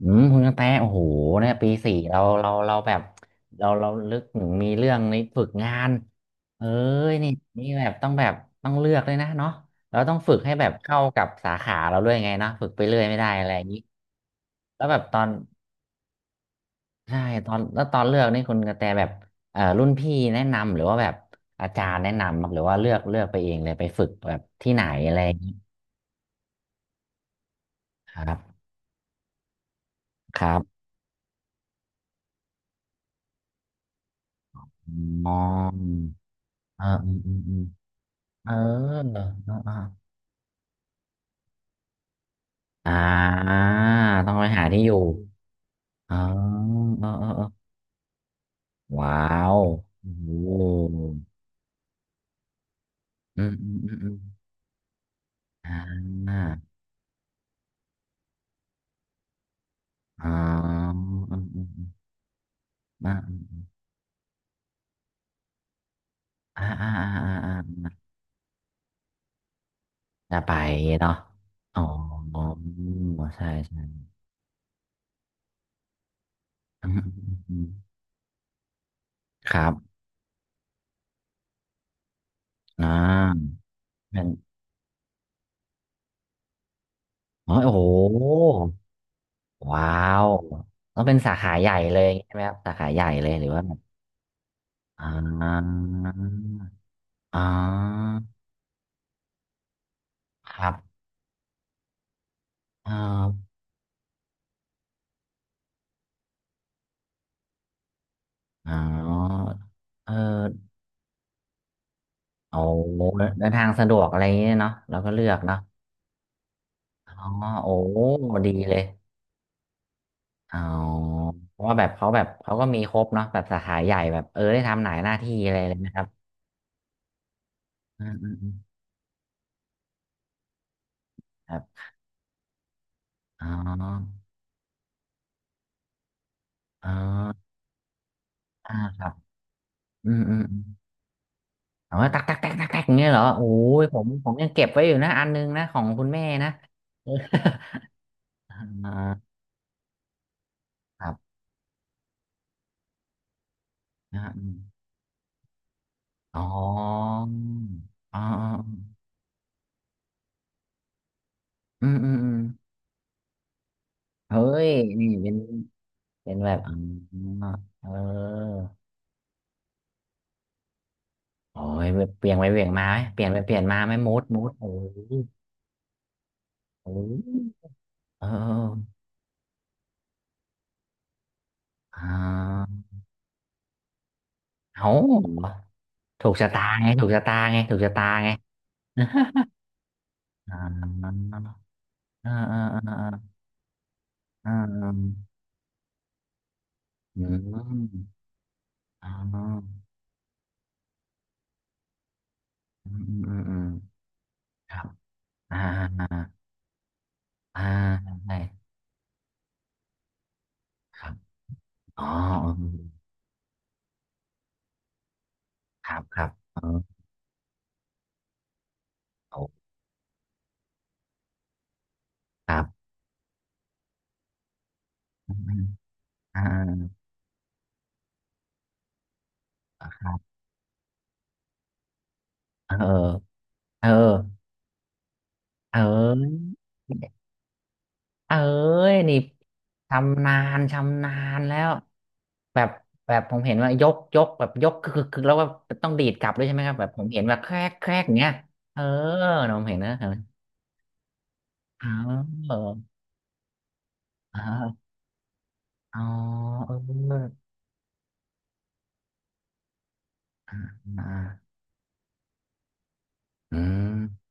อืมคุณกระแตโอ้โหเนี่ยปีสี่เราแบบเราลึกถึงมีเรื่องในฝึกงานเอ้ยนี่นี่แบบต้องเลือกเลยนะเนาะเราต้องฝึกให้แบบเข้ากับสาขาเราด้วยไงเนาะฝึกไปเรื่อยไม่ได้อะไรอย่างนี้แล้วแบบตอนใช่ตอนแล้วตอนเลือกนี่คุณกระแตแบบรุ่นพี่แนะนำหรือว่าแบบอาจารย์แนะนำครับหรือว่าเลือกไปเองเลยไปฝึกแบบที่ไหนอะไรอย่างนี้ครับครับอ๋อเอออืมอืมอืมเออเออเออ อ่าต้องไปหาที่อยู่อ๋อเออเออเออว้าวโอ้โหอืมอืมอืมอืมอ่าอ๋ออืมอืมอืมอ่าอ่าอ่าอ่าอ่าจะไปเนาะอ๋อใช่ใช่อืมอืมอืมครับ อ่าเป็นอ๋อโอ้โห ว้าว ต้องเป็นสาขาใหญ่เลยใช่ไหมครับสาขาใหญ่เลยหรือว่าแบบอ่าอ๋อครับ เอออ๋อเออโอ้เดินทางสะดวกอะไรอย่างเงี้ยเนาะเราก็เลือกเนาะอ๋อโอ้ดีเลยอ๋อเพราะว่าแบบเขาแบบเขาก็มีครบเนาะแบบสาขาใหญ่แบบเออได้ทำหลายหน้าที่อะไรเลยนะครับอืมอืมอืมครับอ๋ออ๋ออ่าครับอืมอืมอืมเอาไว้ตักตักตักตักตักอย่างเงี้ยเหรอโอ้ยผมยังเก็บไว้อยู่นะอันนึงนะของคุณแม่นะ เอออ่าครับอ่าอมอ๋ออ๋อ อืมอืมอืมเฮ้ยนี่เป็นเป็นแบบอ๋อเออโอ้ยเปลี่ยนไปเปลี่ยนมาไหมเปลี่ยนไปเปลี่ยนมาไหมมูดมูดเออโออเอออ่าเอาถูกชะตาไงถูกชะตาไงถูกชะตาไงอ่าอ่าอ่าอ่าอ่าอืมอ่าอืมอืมอืมครับอ่าอ่าอ่าใช่ครับอ๋อครับครับเออครับ อ่าครับเออเออเออเอ้ยนี่ชำนาญชำนาญแล้วแบบแบบผมเห็นว่ายกยกแบบยกคือแล้วว่าต้องดีดกลับด้วยใช่ไหมครับแบบผมเห็นแบบแครกแครกอย่างเงี้ยเออนผมเห็นนะเอออ๋ออ๋ออ๋อเอออ่าอ่าอืม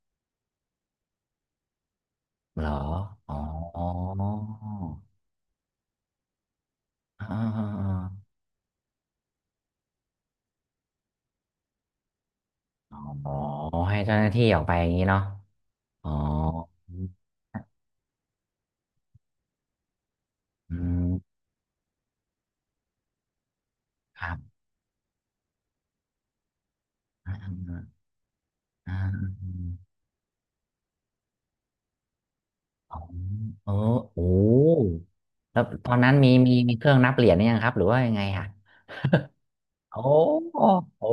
เหรออ๋ออ๋ออ๋ออ๋อให้เจ้าหน้าที่ออกไปอย่างนี้เนาะ อ๋ออืมครับอ่าอ่าอ๋อเออโอ้แล้วตอนนั้นมีเครื่องนับเหรียญหรือยังครับหรือว่ายังไงอ่ะโอ้โอ้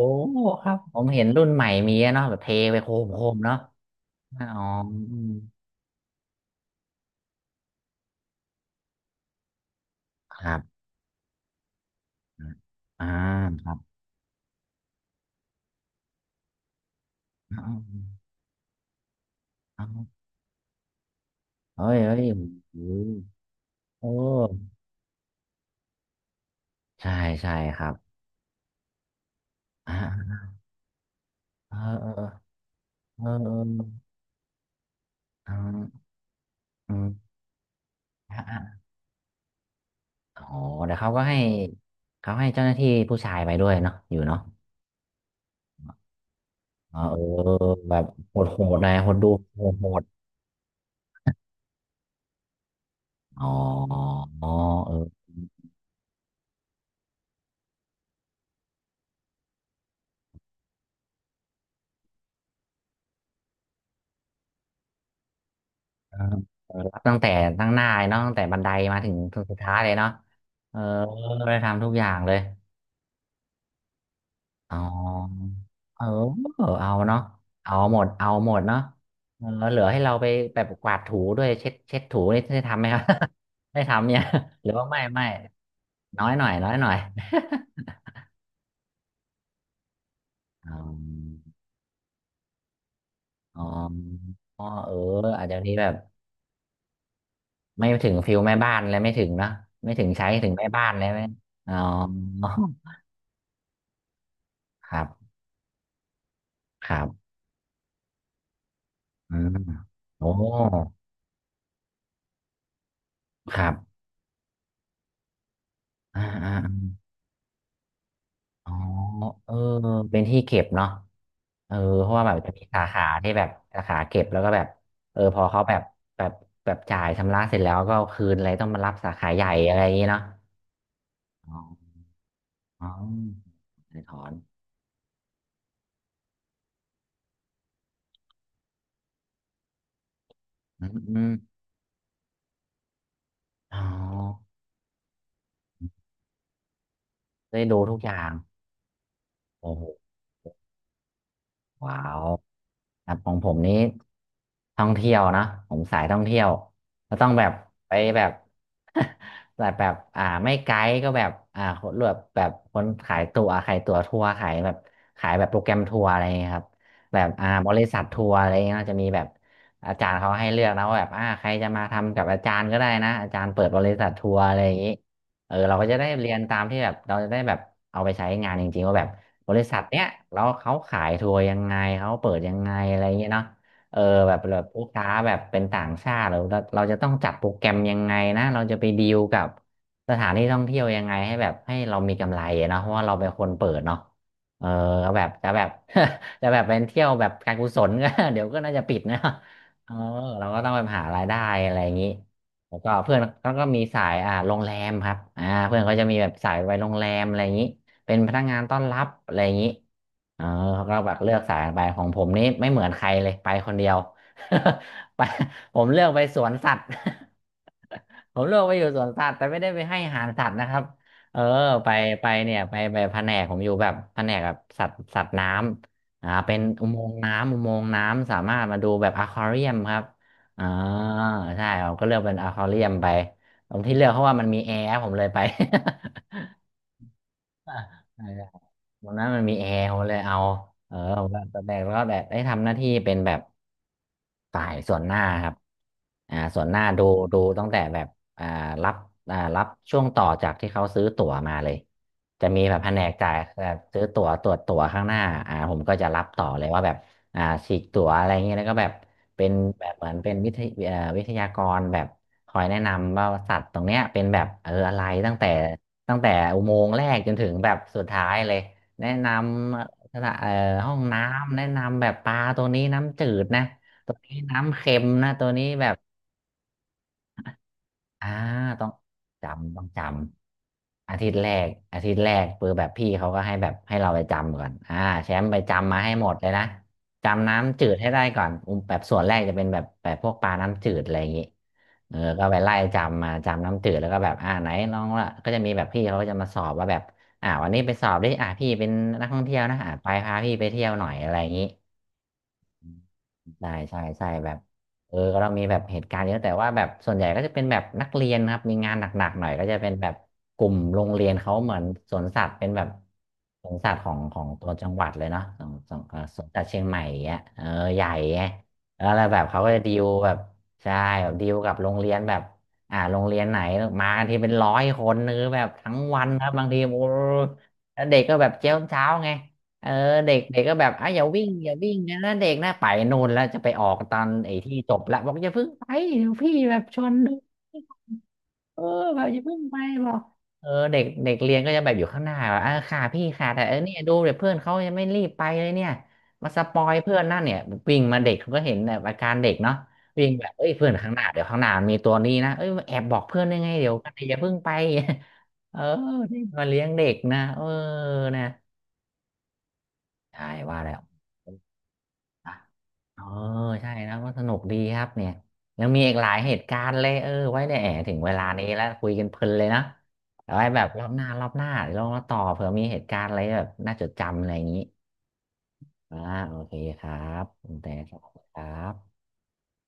ครับผมเห็นรุ่นใหม่มีอะเนาะแบบเทไปโคมโคมเนาะอ๋ออืมครับอ่าครับอ๋ออ๋อเฮ้ยเฮ้ยโอ้โอ้ใช่ใช่ครับอ่าเออเออเออเออเอออืม อ๋อแต่เขาก็ให้เขาให้เจ้าหน้าที่ผู้ชายไปด้วยเนาะอยู่เนาะอ๋อเออแบบโหดโหดหน่อยโหดดูโหดโหดอ๋ออ๋อเออเออเออรับตั้งแต่ตั้งหน้าเลยเนาะตั้งแต่บันไดมาถึงสุดท้ายเลยเนาะเออได้ทำทุกอย่างเลยอ๋อเออ เอาเนาะเอาหมด เอาหมดเนาะเออเหลือให้เราไปแบบกวาดถูด้วยเช็ดเช็ดถูนี่ได้ทำไหมครับ ได้ทำเนี่ยหรือว่าไม่น้อยหน่อยน้อยหน่อย อ๋ออ๋ออ๋อเอออาจจะนี้แบบไม่ถึงฟิลแม่บ้านเลยไม่ถึงเนอะไม่ถึงใช้ถึงแม่บ้านเลยไหมอ๋อ ครับครับอืมโอ้ครับอ่าอ่าอ๋อเออเป็นที่เก็บเนาะเออเพราะว่าแบบจะมีสาขาที่แบบสาขาเก็บแล้วก็แบบเออพอเขาแบบแบบจ่ายชำระเสร็จแล้วก็เอาคืนอะไรต้องมารับสาขาใหญ่อะไรอย่างงี้เนาะอ๋ออ๋อถอนอืมอมอ๋อ ได้ดูทุกอย่างโอ้โหว้าวครับของผมนี้ท่องเที่ยวนะผมสายท่องเที่ยวก็ต้องแบบไปแบบ แบบแบบอ่าไม่ไกด์ก็แบบอ่าคนแบบแบบคนขายตั๋วขายตั๋วทัวร์ขายแบบขายแบบโปรแกรมทัวร์อะไรอย่างเงี้ยครับแบบอ่าบริษัททัวร์อะไรเงี้ยจะมีแบบอาจารย์เขาให้เลือกนะว่าแบบอ่าใครจะมาทำกับอาจารย์ก็ได้นะอาจารย์เปิดบริษัททัวร์อะไรอย่างนี้เออเราก็จะได้เรียนตามที่แบบเราจะได้แบบเอาไปใช้งานจริงๆว่าแบบ บริษัทเนี้ยแล้วเขาขายทัวร์ยังไงเขาเปิดยังไงอะไรเงี้ยเนาะเออแบบแบบลูกค้าแบบเป็นต่างชาติเราจะต้องจัดโปรแกรมยังไงนะเราจะไปดีลกับสถานที่ท่องเที่ยวยังไงให้แบบให้เรามีกำไรอะเนาะเพราะว่าเราเป็นคนเปิดเนาะเออก็แบบจะแบบ จะแบบเป็นเที่ยวแบบการกุศลก็ เดี๋ยวก็น่าจะปิดนะ เออเราก็ต้องไปหารายได้อะไรอย่างนี้แล้วก็เพื่อนก็ก็มีสายโรงแรมครับเพื่อนเขาจะมีแบบสายไปโรงแรมอะไรอย่างนี้ เป็นพนักงานต้อนรับอะไรอย่างนี้เออเขาก็แบบเลือกสายไปของผมนี่ไม่เหมือนใครเลยไปคนเดียว ไปผมเลือกไปสวนสัตว์ ผมเลือกไปอยู่สวนสัตว์แต่ไม่ได้ไปให้อาหารสัตว์นะครับเออไปไปเนี่ยไปไปแผนกผมอยู่แบบแผนกแบบสัตว์สัตว์น้ำเป็นอุโมงค์น้ำอุโมงค์น้ำสามารถมาดูแบบอควาเรียมครับอ่าใช่ผมก็เลือกเป็นอควาเรียมไปตรงที่เลือกเพราะว่ามันมีแอร์ผมเลยไป อ่ะวันนั้นมันมีแอร์ผมเลยเอาเออผมก็ตอนแรกก็แบบได้ทำหน้าที่เป็นแบบฝ่ายส่วนหน้าครับส่วนหน้าดูดูตั้งแต่แบบอ่ารับรับช่วงต่อจากที่เขาซื้อตั๋วมาเลยจะมีแบบแผนกจ่ายแบบซื้อตั๋วตรวจตั๋วข้างหน้าผมก็จะรับต่อเลยว่าแบบฉีกตั๋วอะไรเงี้ยแล้วก็แบบเป็นแบบเหมือนเป็นวิทยากรแบบคอยแนะนำว่าสัตว์ตรงเนี้ยเป็นแบบเอออะไรตั้งแต่ ตั้งแต่อุโมงค์แรกจนถึงแบบสุดท้ายเลยแนะนำสถานเอ่อห้องน้ำแนะนำแบบปลาตัวนี้น้ำจืดนะตัวนี้น้ำเค็มนะตัวนี้แบบ อ่าต้องจำต้องจำอาทิตย์แรกอาทิตย์แรกปือแบบพี่เขาก็ให้แบบให้เราไปจำก่อนอ่าแชมป์ไปจำมาให้หมดเลยนะ จำน้ำจืดให้ได้ก่อนอุ้มแบบส่วนแรกจะเป็นแบบแบบพวกปลาน้ำจืดอะไรอย่างงี้เออก็ไปไล่จำมาจำน้ำจืดแล้วก็แบบไหนน้องละก็จะมีแบบพี่เขาก็จะมาสอบว่าแบบวันนี้ไปสอบดิพี่เป็นนักท่องเที่ยวนะไปพาพี่ไปเที่ยวหน่อยอะไรอย่างงี้ ใช่ใช่ใช่แบบเออเรามีแบบเหตุการณ์เยอะแต่ว่าแบบส่วนใหญ่ก็จะเป็นแบบนักเรียนนะครับมีงานหนักๆหน่อยก็จะเป็นแบบกลุ่มโรงเรียนเขาเหมือนสวนสัตว์เป็นแบบสวนสัตว์ของของตัวจังหวัดเลยเนาะของของสวนสัตว์เชียงใหม่อย่างเงี้ยเออใหญ่ไงแล้วอะไรแบบเขาก็จะดีลแบบใช่แบบดีลกับโรงเรียนแบบโรงเรียนไหนมากันทีเป็นร้อยคนหรือแบบทั้งวันครับบางทีโอ้แล้วเด็กก็แบบเจ้าเช้าไง เออเด็กเด็กก็แบบอ่ะอย่าวิ่งอย่าวิ่งนะเด็กนะไปนู่นแล้วจะไปออกตอนไอ้ที่จบละบอกอย่าเพิ่งไปเดี๋ยวพี่แบบชวนดูเออแบบอย่าเพิ่งไปบอกเออเด็กเด็กเรียนก็จะแบบอยู่ข้างหน้าแบบอ่ะค่ะพี่ค่ะแต่เออเนี่ยดูเดี๋ยวเพื่อนเขายังไม่รีบไปเลยเนี่ยมาสปอยเพื่อนนั่นเนี่ยวิ่งมาเด็กเขาก็เห็นแบบอาการเด็กเนาะวิ่งแบบเอ้ยเพื่อนข้างหน้าเดี๋ยวข้างหน้ามันมีตัวนี้นะเอ้ยแอบบอกเพื่อนยังไงเดี๋ยวกันอย่าเพิ่งไป เออนี่มาเลี้ยงเด็กนะเออนะ ใช่ว่าแล้วอ่ะเออใช่นะว่าสนุกดีครับเนี่ยยังมีอีกหลายเหตุการณ์เลยเออไว้เนี่ยแหมถึงเวลานี้แล้วคุยกันเพลินเลยนะเอาไว้แบบรอบหน้ารอบหน้าเดี๋ยวลองมาต่อเผื่อมีเหตุการณ์อะไรแบบน่าจดจำอะไรอย่างนี้อ่าโอเคครับคุณแต่ขอบคุณครับ